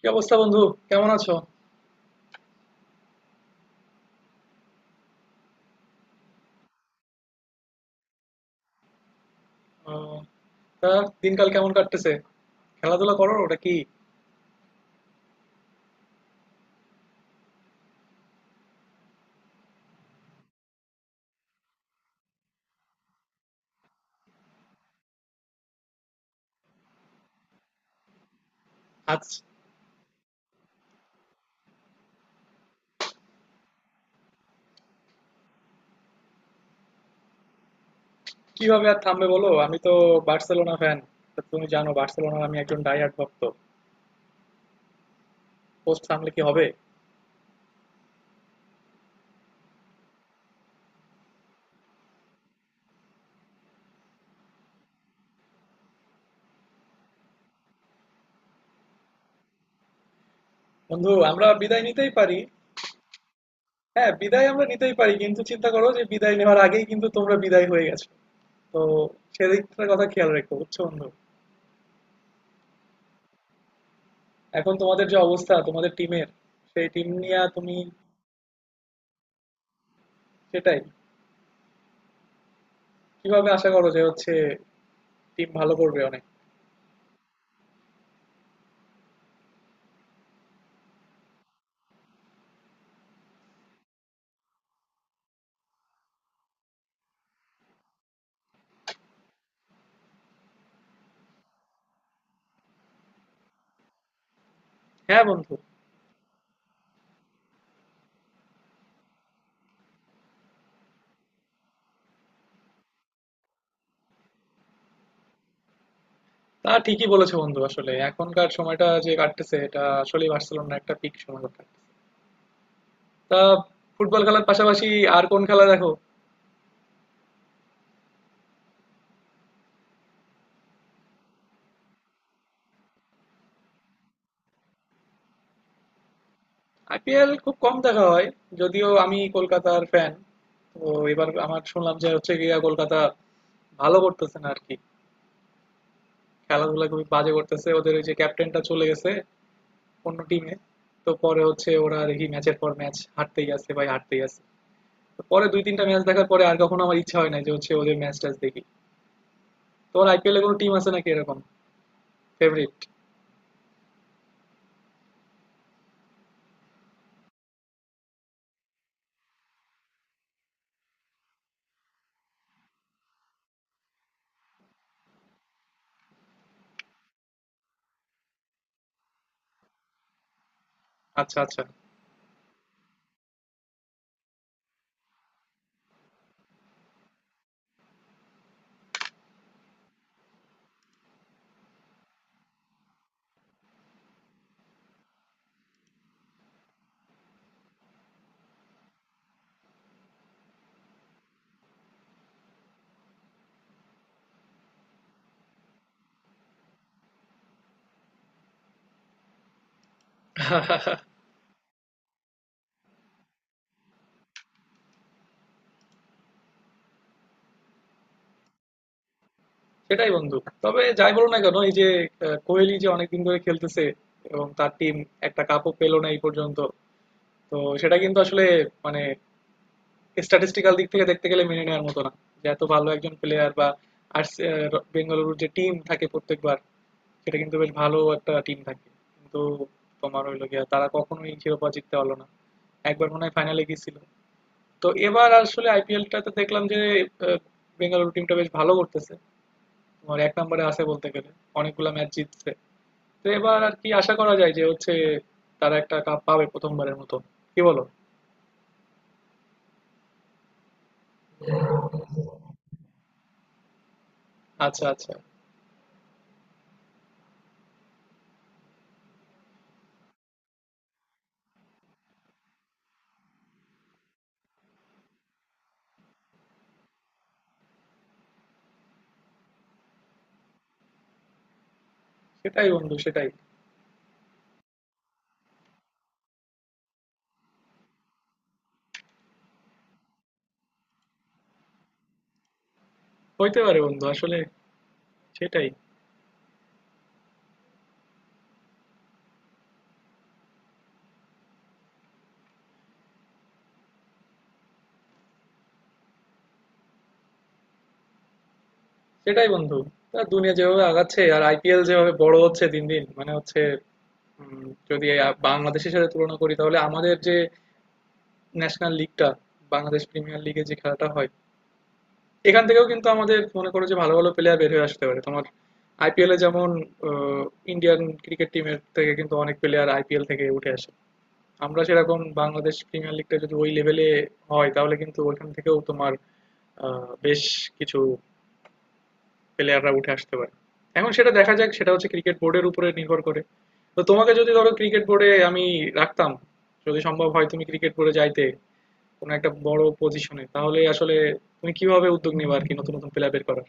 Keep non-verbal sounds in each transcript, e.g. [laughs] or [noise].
কি অবস্থা বন্ধু? কেমন আছো? আহ, তা দিনকাল কেমন কাটতেছে? খেলাধুলা করো? ওটা কি? আজ কিভাবে আর থামবে বলো? আমি তো বার্সেলোনা ফ্যান। তুমি জানো বার্সেলোনার আমি একজন ডাইহার্ড ভক্ত। পোস্ট থামলে কি হবে? বন্ধু, আমরা বিদায় নিতেই পারি। হ্যাঁ, বিদায় আমরা নিতেই পারি, কিন্তু চিন্তা করো যে বিদায় নেওয়ার আগেই কিন্তু তোমরা বিদায় হয়ে গেছো। তো সেদিকটার কথা খেয়াল রেখো, বুঝছো বন্ধু? এখন তোমাদের যে অবস্থা, তোমাদের টিমের সেই টিম নিয়ে তুমি সেটাই কিভাবে আশা করো যে হচ্ছে টিম ভালো করবে অনেক? হ্যাঁ বন্ধু, তা ঠিকই বলেছো বন্ধু। আসলে এখনকার সময়টা যে কাটতেছে, এটা আসলেই বার্সেলোনা একটা পিক সময় কাটতেছে। তা ফুটবল খেলার পাশাপাশি আর কোন খেলা দেখো? আইপিএল খুব কম দেখা হয়, যদিও আমি কলকাতার ফ্যান। তো এবার আমার শুনলাম যে হচ্ছে গিয়া কলকাতা ভালো করতেছে না আর কি। খেলাধুলা খুবই বাজে করতেছে ওদের। ওই যে ক্যাপ্টেনটা চলে গেছে অন্য টিমে। তো পরে হচ্ছে ওরা দেখি ম্যাচের পর ম্যাচ হারতেই আছে ভাই, হারতেই আছে। তো পরে দুই তিনটা ম্যাচ দেখার পরে আর কখনো আমার ইচ্ছা হয় না যে হচ্ছে ওদের ম্যাচ ট্যাচ দেখি। তোমার আইপিএলে কোনো টিম আছে নাকি এরকম ফেভারিট? আচ্ছা আচ্ছা। [laughs] সেটাই বন্ধু। তবে যাই বলো না কেন, এই যে কোহলি যে অনেকদিন ধরে খেলতেছে এবং তার টিম একটা কাপও পেলো না এই পর্যন্ত। তো সেটা কিন্তু আসলে মানে স্ট্যাটিস্টিক্যাল দিক থেকে দেখতে গেলে মেনে নেওয়ার মতো না, যে এত ভালো একজন প্লেয়ার বা আর বেঙ্গালুরুর যে টিম থাকে প্রত্যেকবার, সেটা কিন্তু বেশ ভালো একটা টিম থাকে। কিন্তু তোমার হইলো গিয়া তারা কখনোই শিরোপা জিততে পারলো না। একবার মনে হয় ফাইনালে গিয়েছিল। তো এবার আসলে আইপিএলটাতে দেখলাম যে আহ, বেঙ্গালুরু টিমটা বেশ ভালো করতেছে। তোমার এক নম্বরে আছে বলতে গেলে। অনেকগুলা ম্যাচ জিতছে। তো এবার আর কি আশা করা যায় যে হচ্ছে তারা একটা কাপ পাবে প্রথমবারের মতো? কি বলো? আচ্ছা আচ্ছা। সেটাই বন্ধু, সেটাই। হইতে পারে বন্ধু, আসলে সেটাই। সেটাই বন্ধু। তা দুনিয়া যেভাবে আগাচ্ছে আর আইপিএল যেভাবে বড় হচ্ছে দিন দিন, মানে হচ্ছে যদি বাংলাদেশের সাথে তুলনা করি, তাহলে আমাদের যে ন্যাশনাল লিগটা বাংলাদেশ প্রিমিয়ার লিগে যে খেলাটা হয়, এখান থেকেও কিন্তু আমাদের মনে করো যে ভালো ভালো প্লেয়ার বের হয়ে আসতে পারে। তোমার আইপিএলে যেমন ইন্ডিয়ান ক্রিকেট টিমের থেকে কিন্তু অনেক প্লেয়ার আইপিএল থেকে উঠে আসে। আমরা সেরকম বাংলাদেশ প্রিমিয়ার লিগটা যদি ওই লেভেলে হয়, তাহলে কিন্তু ওইখান থেকেও তোমার বেশ কিছু প্লেয়াররা উঠে আসতে পারে। এখন সেটা দেখা যাক, সেটা হচ্ছে ক্রিকেট বোর্ডের উপরে নির্ভর করে। তো তোমাকে যদি ধরো ক্রিকেট বোর্ডে আমি রাখতাম, যদি সম্ভব হয় তুমি ক্রিকেট বোর্ডে যাইতে কোনো একটা বড় পজিশনে, তাহলে আসলে তুমি কিভাবে উদ্যোগ নেবে আর কি নতুন নতুন প্লেয়ার বের করার?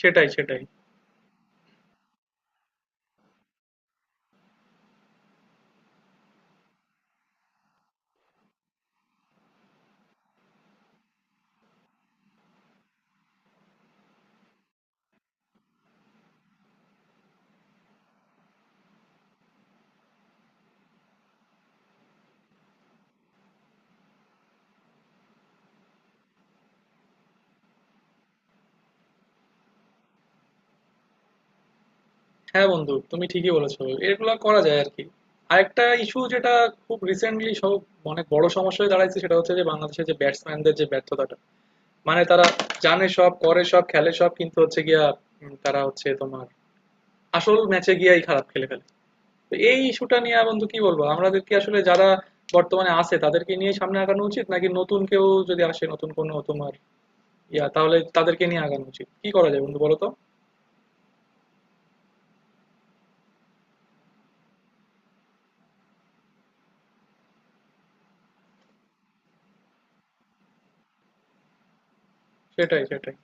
সেটাই, সেটাই। হ্যাঁ বন্ধু, তুমি ঠিকই বলেছো। এগুলা করা যায় আরকি। আরেকটা ইস্যু যেটা খুব রিসেন্টলি সব অনেক বড় সমস্যা হয়ে দাঁড়াইছে, সেটা হচ্ছে যে বাংলাদেশের যে ব্যাটসম্যানদের যে ব্যর্থতাটা। মানে তারা জানে সব, করে সব, খেলে সব, কিন্তু হচ্ছে গিয়া তারা হচ্ছে তোমার আসল ম্যাচে গিয়াই খারাপ খেলে ফেলে। তো এই ইস্যুটা নিয়ে বন্ধু কি বলবো? আমাদের কি আসলে যারা বর্তমানে আছে তাদেরকে নিয়ে সামনে আগানো উচিত, নাকি নতুন কেউ যদি আসে নতুন কোনো তোমার ইয়া, তাহলে তাদেরকে নিয়ে আগানো উচিত? কি করা যায় বন্ধু বলো তো? সেটাই, সেটাই।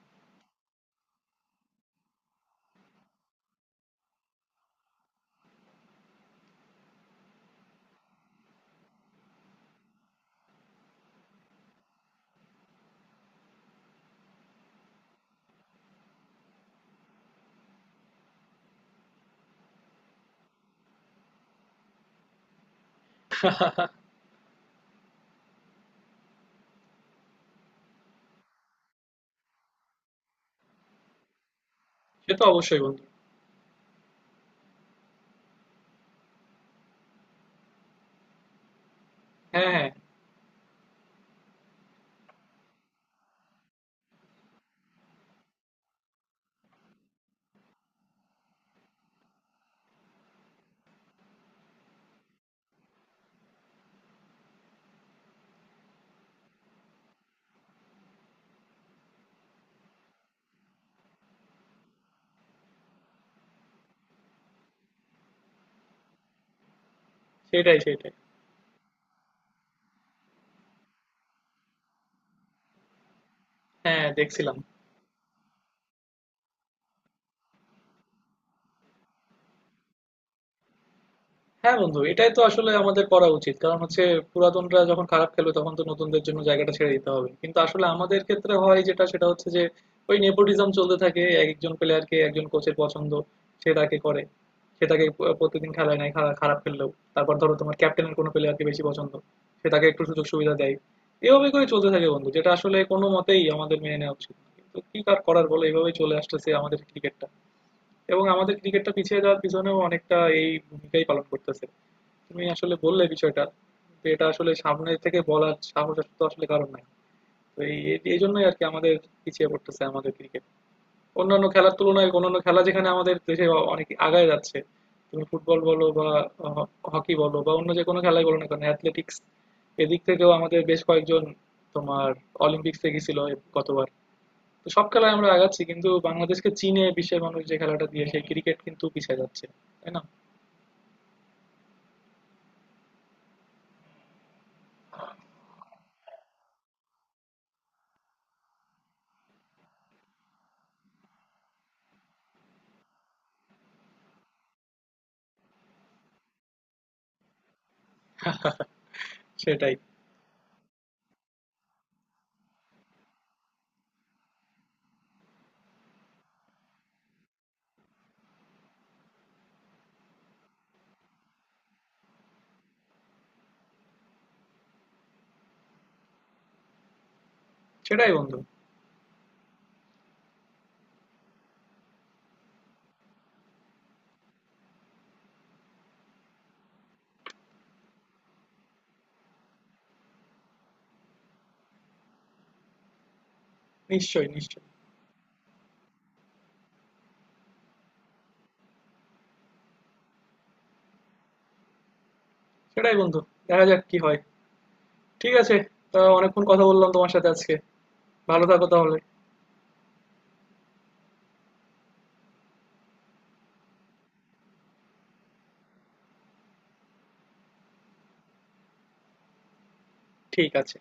সে তো অবশ্যই বন্ধু। হ্যাঁ, হ্যাঁ। সেটাই, সেটাই। হ্যাঁ, দেখছিলাম। হ্যাঁ বন্ধু, এটাই তো আসলে আমাদের করা উচিত। কারণ হচ্ছে পুরাতনরা যখন খারাপ খেলবে তখন তো নতুনদের জন্য জায়গাটা ছেড়ে দিতে হবে। কিন্তু আসলে আমাদের ক্ষেত্রে হয় যেটা, সেটা হচ্ছে যে ওই নেপোটিজম চলতে থাকে। এক একজন প্লেয়ারকে একজন কোচের পছন্দ, সে তাকে করে। সে তাকে প্রতিদিন খেলায় নেয় খারাপ খেললেও। তারপর ধরো তোমার ক্যাপ্টেনের কোনো প্লেয়ারকে বেশি পছন্দ, সে তাকে একটু সুযোগ সুবিধা দেয়। এভাবে করে চলতে থাকে বন্ধু, যেটা আসলে কোনো মতেই আমাদের মেনে নেওয়া উচিত না। কিন্তু কি আর করার বলো, এভাবেই চলে আসতেছে আমাদের ক্রিকেটটা। এবং আমাদের ক্রিকেটটা পিছিয়ে যাওয়ার পিছনেও অনেকটা এই ভূমিকাই পালন করতেছে। তুমি আসলে বললে বিষয়টা, তো এটা আসলে সামনে থেকে বলার সাহস তো আসলে কারণ নাই। তো এই এই- এই জন্যই আর কি আমাদের পিছিয়ে পড়তেছে আমাদের ক্রিকেট অন্যান্য খেলার তুলনায়। অন্যান্য খেলা যেখানে আমাদের দেশে অনেক আগায় যাচ্ছে, তুমি ফুটবল বলো বা হকি বলো বা অন্য যে কোনো খেলাই বলো না কেন, অ্যাথলেটিক্স এদিক থেকেও আমাদের বেশ কয়েকজন তোমার অলিম্পিক্সে গেছিল গতবার। তো সব খেলায় আমরা আগাচ্ছি, কিন্তু বাংলাদেশকে চীনে বিশ্বের মানুষ যে খেলাটা দিয়ে সেই ক্রিকেট কিন্তু পিছিয়ে যাচ্ছে, তাই না? সেটাই, সেটাই বন্ধু। নিশ্চয়ই, নিশ্চয়ই। সেটাই বন্ধু, দেখা যাক কি হয়। ঠিক আছে। তা অনেকক্ষণ কথা বললাম তোমার সাথে আজকে। ভালো থাকো তাহলে। ঠিক আছে।